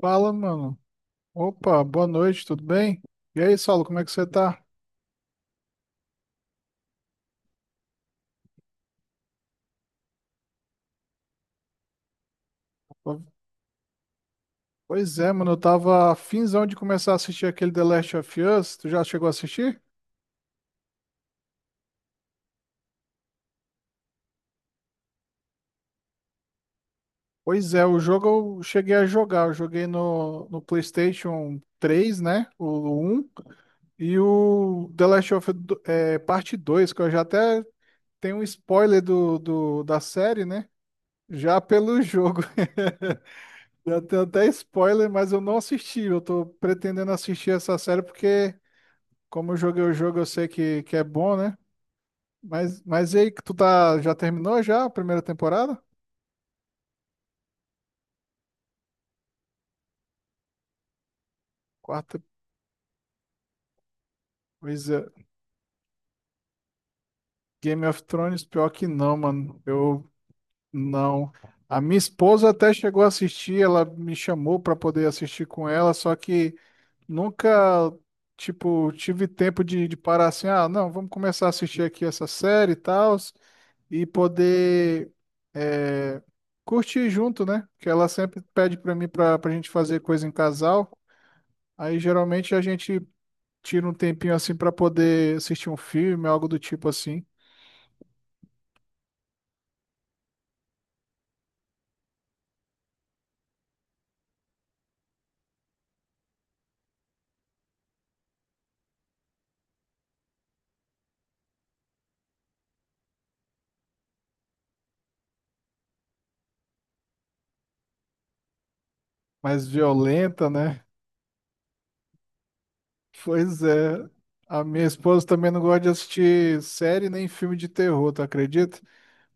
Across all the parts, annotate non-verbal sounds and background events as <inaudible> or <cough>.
Fala, mano. Opa, boa noite, tudo bem? E aí, Saulo, como é que você tá? Po- Pois é, mano, eu tava finzão de começar a assistir aquele The Last of Us. Tu já chegou a assistir? Pois é, o jogo eu cheguei a jogar. Eu joguei no PlayStation 3, né? O 1. E o The Last of Us é, parte 2, que eu já até tenho um spoiler da série, né? Já pelo jogo. <laughs> Já tem até spoiler, mas eu não assisti. Eu tô pretendendo assistir essa série porque, como eu joguei o jogo, eu sei que é bom, né? Mas e aí, que tu tá, já terminou já a primeira temporada? Quarta coisa. Game of Thrones, pior que não, mano. Eu não. A minha esposa até chegou a assistir, ela me chamou pra poder assistir com ela, só que nunca, tipo, tive tempo de parar assim, ah, não, vamos começar a assistir aqui essa série e tal. E poder é, curtir junto, né? Que ela sempre pede pra mim pra gente fazer coisa em casal. Aí geralmente a gente tira um tempinho assim pra poder assistir um filme, algo do tipo assim. Mais violenta, né? Pois é. A minha esposa também não gosta de assistir série nem filme de terror, tu acredita?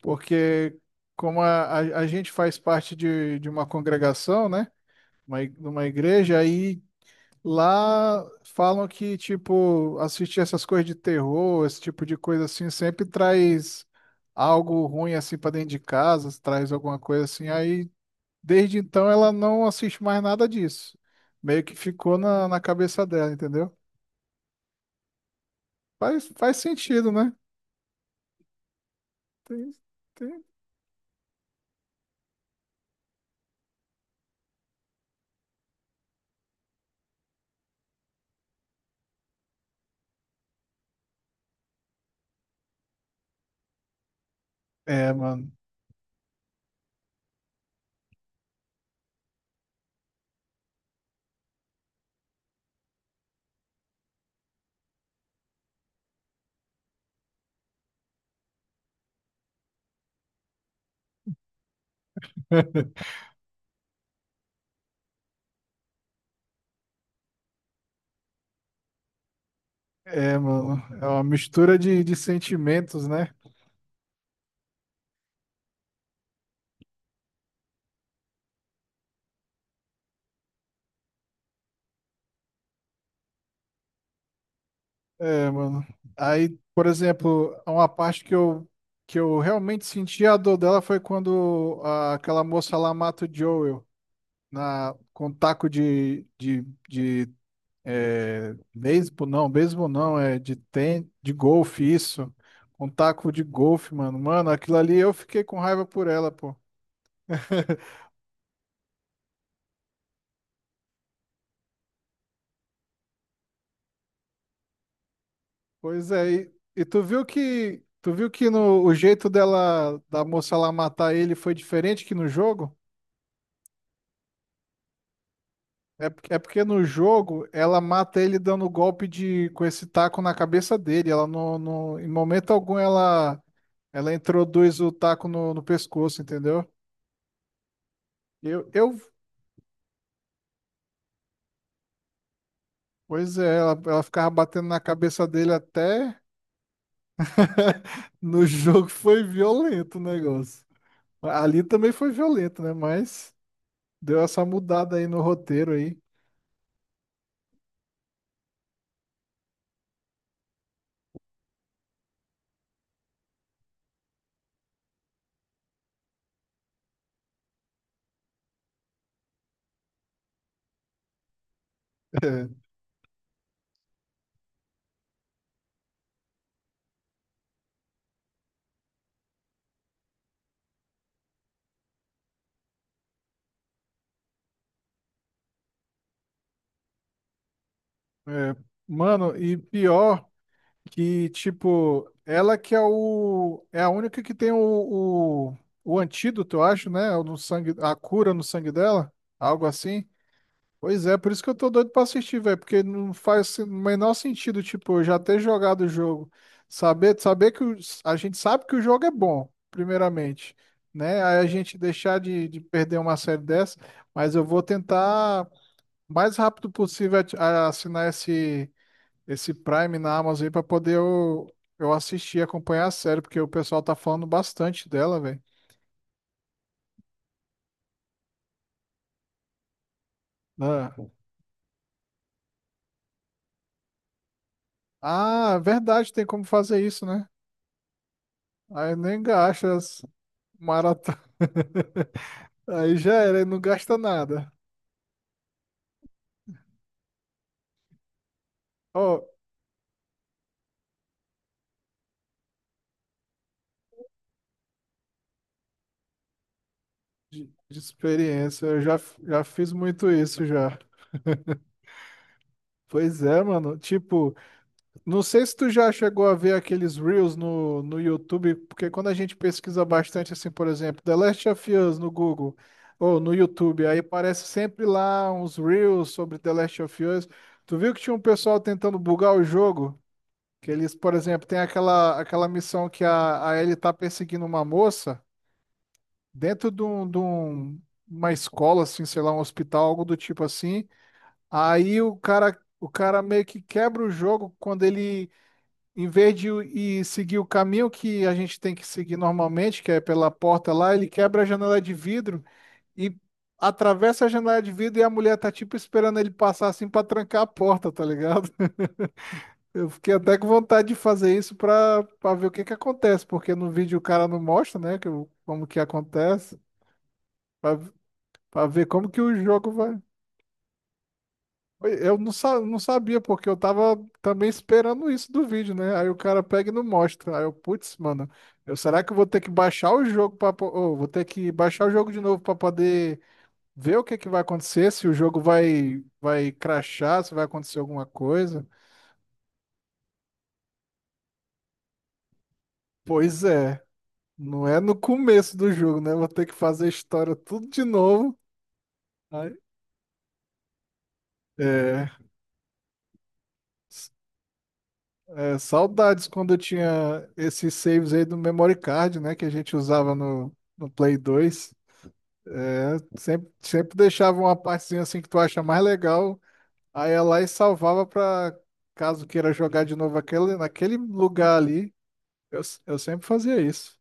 Porque como a gente faz parte de uma congregação, né? Uma, de uma igreja, aí lá falam que, tipo, assistir essas coisas de terror, esse tipo de coisa assim, sempre traz algo ruim assim para dentro de casa, traz alguma coisa assim. Aí, desde então, ela não assiste mais nada disso. Meio que ficou na cabeça dela, entendeu? Faz sentido, né? Tem, tem... É, mano. <laughs> É, mano, é uma mistura de sentimentos, né? É, mano. Aí, por exemplo, uma parte que eu realmente senti a dor dela foi quando aquela moça lá mata o Joel na, com taco de é, beisebol não, é de, ten, de golfe, isso. Com taco de golfe, mano. Mano, aquilo ali eu fiquei com raiva por ela, pô. <laughs> Pois é, e tu viu que no, o jeito dela da moça lá matar ele foi diferente que no jogo? É porque no jogo ela mata ele dando golpe de com esse taco na cabeça dele. Ela em momento algum ela ela introduz o taco no pescoço, entendeu? Eu pois é, ela ficava batendo na cabeça dele até <laughs> no jogo foi violento o negócio. Ali também foi violento, né? Mas deu essa mudada aí no roteiro aí. <laughs> É, é. Mano, e pior que, tipo, ela que é o. É a única que tem o, o antídoto, eu acho, né? O no sangue, a cura no sangue dela, algo assim. Pois é, por isso que eu tô doido pra assistir, velho, porque não faz o menor sentido, tipo, eu já ter jogado o jogo, saber que a gente sabe que o jogo é bom, primeiramente, né? Aí a gente deixar de perder uma série dessa, mas eu vou tentar o mais rápido possível assinar esse Prime na Amazon aí para poder eu assistir, acompanhar a série, porque o pessoal tá falando bastante dela, velho. Ah, Ah, verdade, tem como fazer isso, né? Aí eu nem gasta. Maratona. <laughs> Aí já era, não gasta nada. Ó, de experiência, já fiz muito isso já. Pois é, mano. Tipo, não sei se tu já chegou a ver aqueles Reels no YouTube, porque quando a gente pesquisa bastante, assim, por exemplo, The Last of Us no Google ou no YouTube, aí parece sempre lá uns Reels sobre The Last of Us. Tu viu que tinha um pessoal tentando bugar o jogo? Que eles, por exemplo, tem aquela missão que a Ellie tá perseguindo uma moça. Dentro de uma escola, assim, sei lá, um hospital, algo do tipo assim. Aí o cara meio que quebra o jogo quando ele, em vez de ir seguir o caminho que a gente tem que seguir normalmente, que é pela porta lá, ele quebra a janela de vidro e atravessa a janela de vidro e a mulher tá tipo esperando ele passar assim pra trancar a porta, tá ligado? <laughs> Eu fiquei até com vontade de fazer isso pra ver o que que acontece, porque no vídeo o cara não mostra, né, como que acontece. Pra ver como que o jogo vai. Eu não, sa- não sabia, porque eu tava também esperando isso do vídeo, né? Aí o cara pega e não mostra. Aí eu, putz, mano, eu, será que eu vou ter que baixar o jogo de novo pra poder ver o que que vai acontecer, se o jogo vai crashar, se vai acontecer alguma coisa. Pois é, não é no começo do jogo, né? Eu vou ter que fazer a história tudo de novo. Aí- É. É, saudades quando eu tinha esses saves aí do memory card, né? Que a gente usava no Play 2. É, sempre, sempre deixava uma partezinha assim que tu acha mais legal. Aí ia lá e salvava pra caso queira jogar de novo aquele, naquele lugar ali. Eu sempre fazia isso.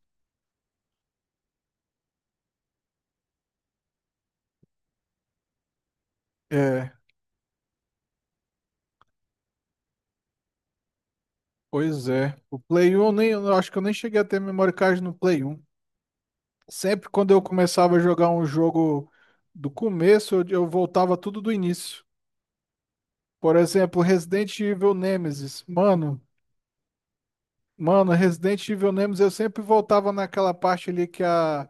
É, pois é. O Play 1, eu acho que eu nem cheguei a ter memory card no Play 1. Sempre quando eu começava a jogar um jogo do começo, eu voltava tudo do início. Por exemplo, Resident Evil Nemesis. Mano, Resident Evil Nemesis, eu sempre voltava naquela parte ali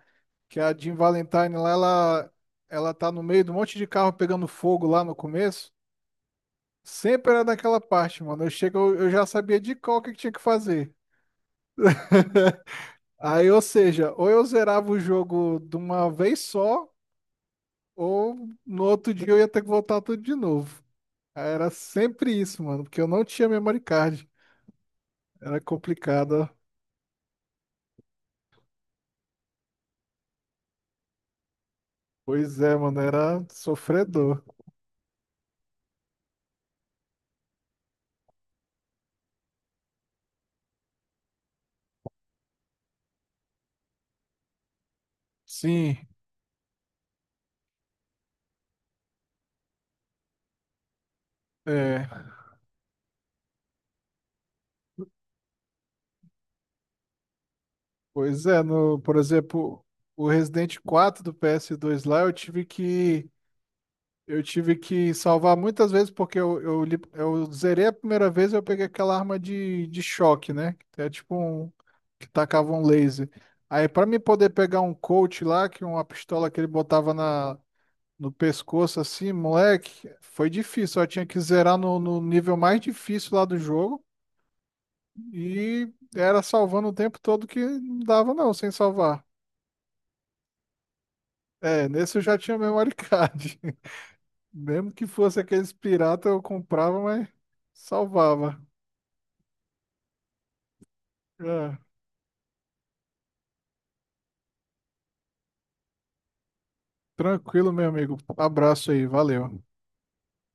que a Jill Valentine lá, ela tá no meio de um monte de carro pegando fogo lá no começo. Sempre era naquela parte, mano. Eu chego, eu já sabia de qual que tinha que fazer. <laughs> Aí, ou seja, ou eu zerava o jogo de uma vez só, ou no outro dia eu ia ter que voltar tudo de novo. Aí era sempre isso, mano, porque eu não tinha memory card. Era complicado. Pois é, mano, era sofredor. Sim, é. Pois é, no, por exemplo, o Resident quatro do PS2 lá, eu tive que salvar muitas vezes porque eu zerei a primeira vez e eu peguei aquela arma de choque, né? Que é tipo um que tacava um laser. Aí pra mim poder pegar um coach lá, que é uma pistola que ele botava na no pescoço assim, moleque, foi difícil. Eu tinha que zerar no nível mais difícil lá do jogo. E era salvando o tempo todo que não dava, não, sem salvar. É, nesse eu já tinha memory card. <laughs> Mesmo que fosse aqueles pirata, eu comprava, mas salvava. É, tranquilo, meu amigo. Abraço aí, valeu.